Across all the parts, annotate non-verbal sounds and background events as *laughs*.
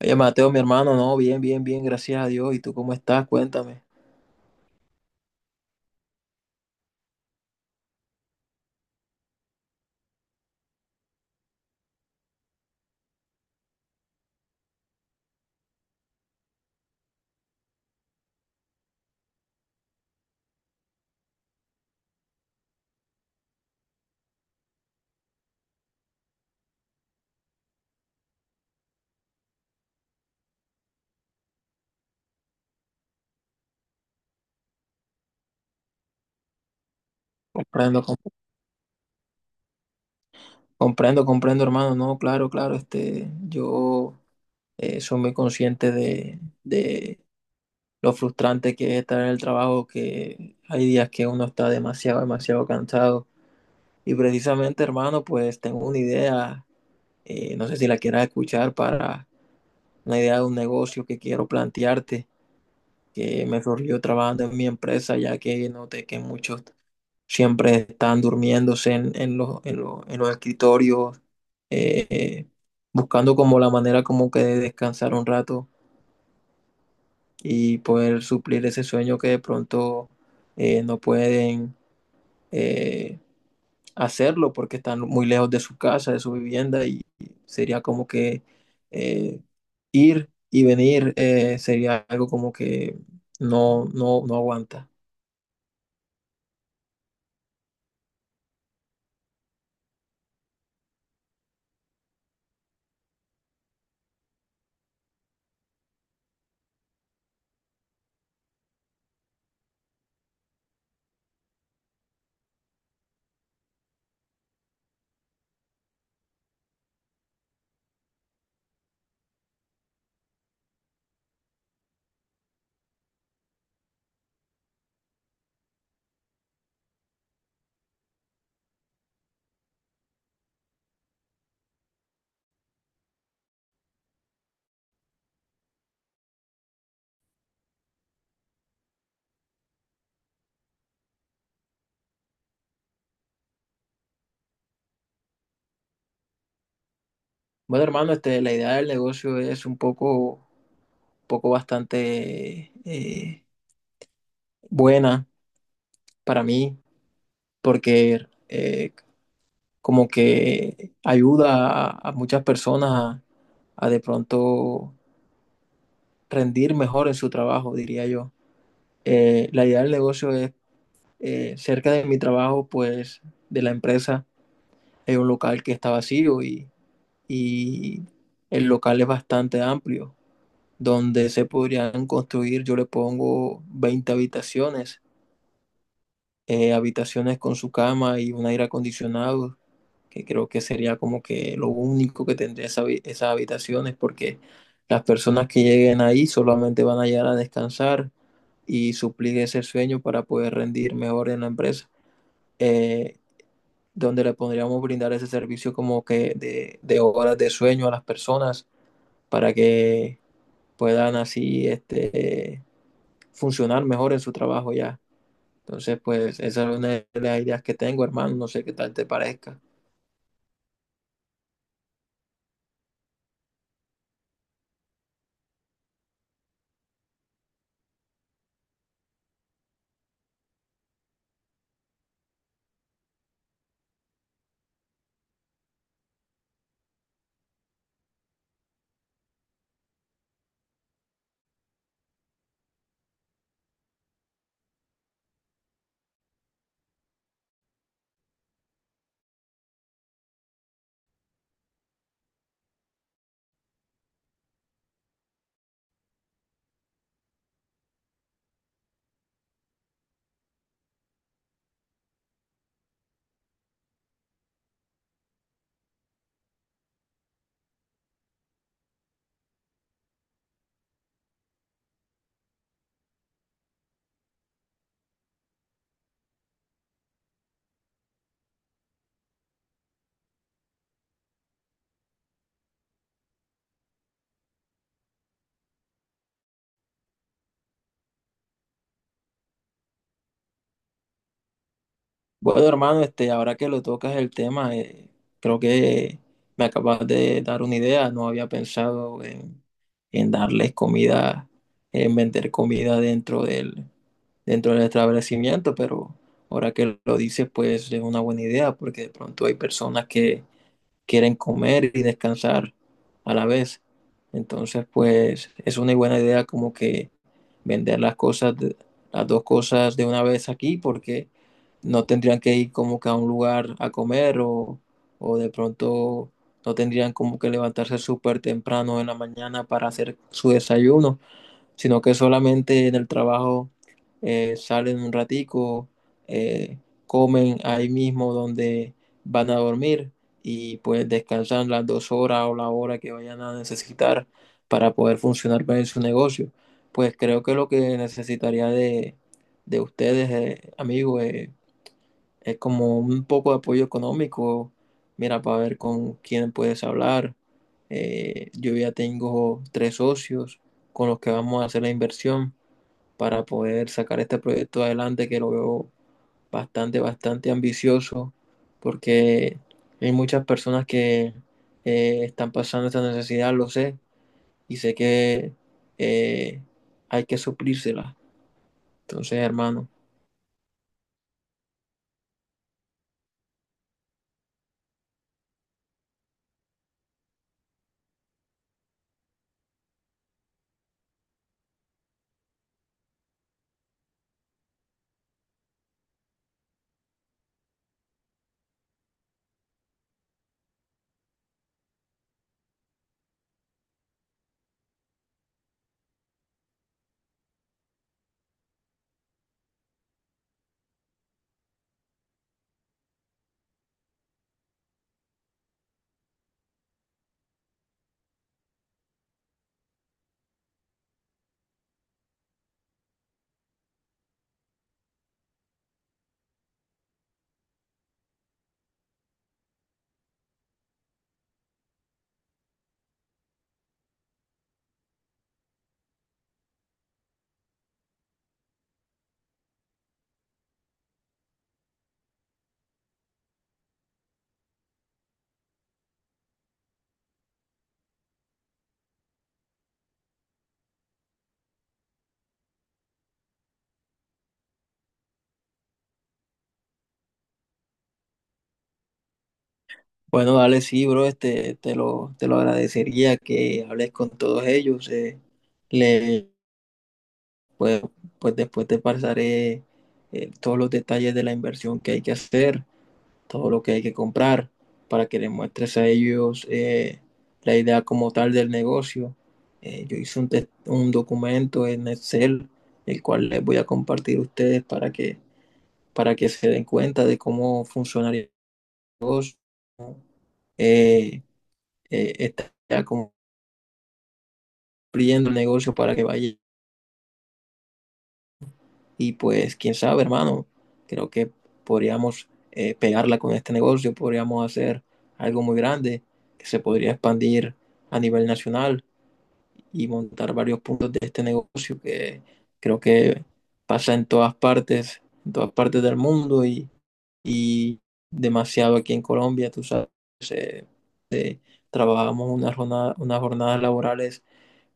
Oye, Mateo, mi hermano, no, bien, bien, bien, gracias a Dios. ¿Y tú cómo estás? Cuéntame. Comprendo, comprendo, comprendo, hermano. No, claro, claro. Este, yo soy muy consciente de lo frustrante que es estar en el trabajo, que hay días que uno está demasiado, demasiado cansado. Y precisamente, hermano, pues tengo una idea, no sé si la quieras escuchar, para una idea de un negocio que quiero plantearte, que me surgió trabajando en mi empresa, ya que noté que muchos siempre están durmiéndose en los escritorios, eh, eh, buscando como la manera como que de descansar un rato y poder suplir ese sueño que de pronto no pueden eh, hacerlo porque están muy lejos de su casa, de su vivienda y sería como que eh, ir y venir sería algo como que no, no, no aguanta. Bueno, hermano, este, la idea del negocio es un poco, bastante buena para mí, porque como que ayuda a muchas personas a de pronto rendir mejor en su trabajo, diría yo. La idea del negocio es, cerca de mi trabajo, pues, de la empresa, hay un local que está vacío y el local es bastante amplio, donde se podrían construir, yo le pongo 20 habitaciones, habitaciones con su cama y un aire acondicionado, que creo que sería como que lo único que tendría esas habitaciones, porque las personas que lleguen ahí solamente van a llegar a descansar y suplir ese sueño para poder rendir mejor en la empresa, eh, donde le podríamos brindar ese servicio como que de horas de sueño a las personas para que puedan así este, funcionar mejor en su trabajo ya. Entonces, pues esa es una de las ideas que tengo, hermano, no sé qué tal te parezca. Bueno, hermano, este, ahora que lo tocas el tema, creo que me acabas de dar una idea, no había pensado en darles comida, en vender comida dentro del establecimiento, pero ahora que lo dices, pues es una buena idea, porque de pronto hay personas que quieren comer y descansar a la vez. Entonces, pues es una buena idea como que vender las cosas, las dos cosas de una vez aquí, porque no tendrían que ir como que a un lugar a comer o de pronto no tendrían como que levantarse súper temprano en la mañana para hacer su desayuno sino que solamente en el trabajo salen un ratico, eh, comen ahí mismo donde van a dormir y pues descansan las dos horas o la hora que vayan a necesitar para poder funcionar bien su negocio. Pues creo que lo que necesitaría de ustedes, amigos, es como un poco de apoyo económico, mira, para ver con quién puedes hablar. Yo ya tengo 3 socios con los que vamos a hacer la inversión para poder sacar este proyecto adelante, que lo veo bastante, bastante ambicioso porque hay muchas personas que están pasando esta necesidad, lo sé, y sé que eh, hay que suplírsela. Entonces, hermano. Bueno, dale, sí, bro, este, te lo agradecería que hables con todos ellos. Le, pues, pues después te pasaré todos los detalles de la inversión que hay que hacer, todo lo que hay que comprar, para que les muestres a ellos la idea como tal del negocio. Yo hice un, un documento en Excel, el cual les voy a compartir a ustedes para que se den cuenta de cómo funcionaría eh, esta idea fluyendo el negocio para que vaya. Y pues, quién sabe, hermano, creo que podríamos pegarla con este negocio, podríamos hacer algo muy grande que se podría expandir a nivel nacional y montar varios puntos de este negocio que creo que pasa en todas partes del mundo y demasiado aquí en Colombia, tú sabes, eh, eh, trabajamos unas jornadas laborales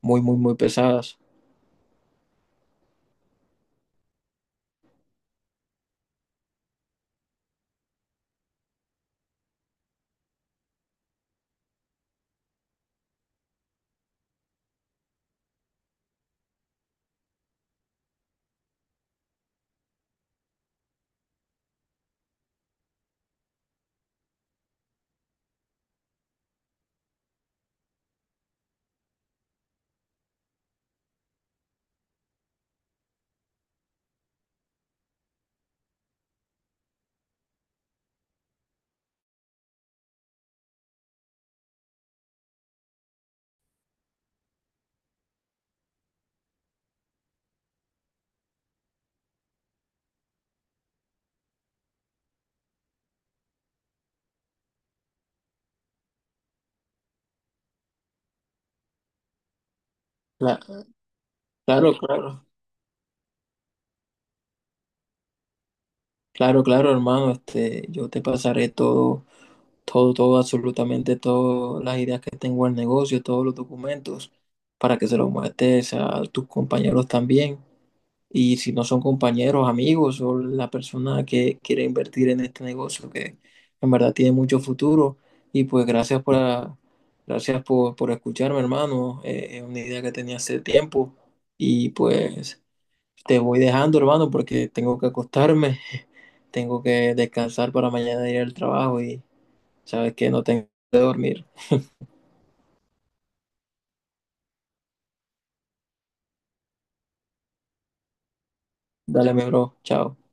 muy, muy, muy pesadas. La- claro, claro. Claro, claro, hermano, este, yo te pasaré todo, todo, todo, absolutamente todas las ideas que tengo al negocio, todos los documentos, para que se los muestres a tus compañeros también. Y si no son compañeros, amigos o la persona que quiere invertir en este negocio, que en verdad tiene mucho futuro. Y pues gracias por, gracias por escucharme, hermano. Es una idea que tenía hace tiempo. Y pues... te voy dejando, hermano, porque tengo que acostarme, *laughs* tengo que descansar para mañana ir al trabajo y sabes que no tengo que dormir. Dale, mi bro, chao.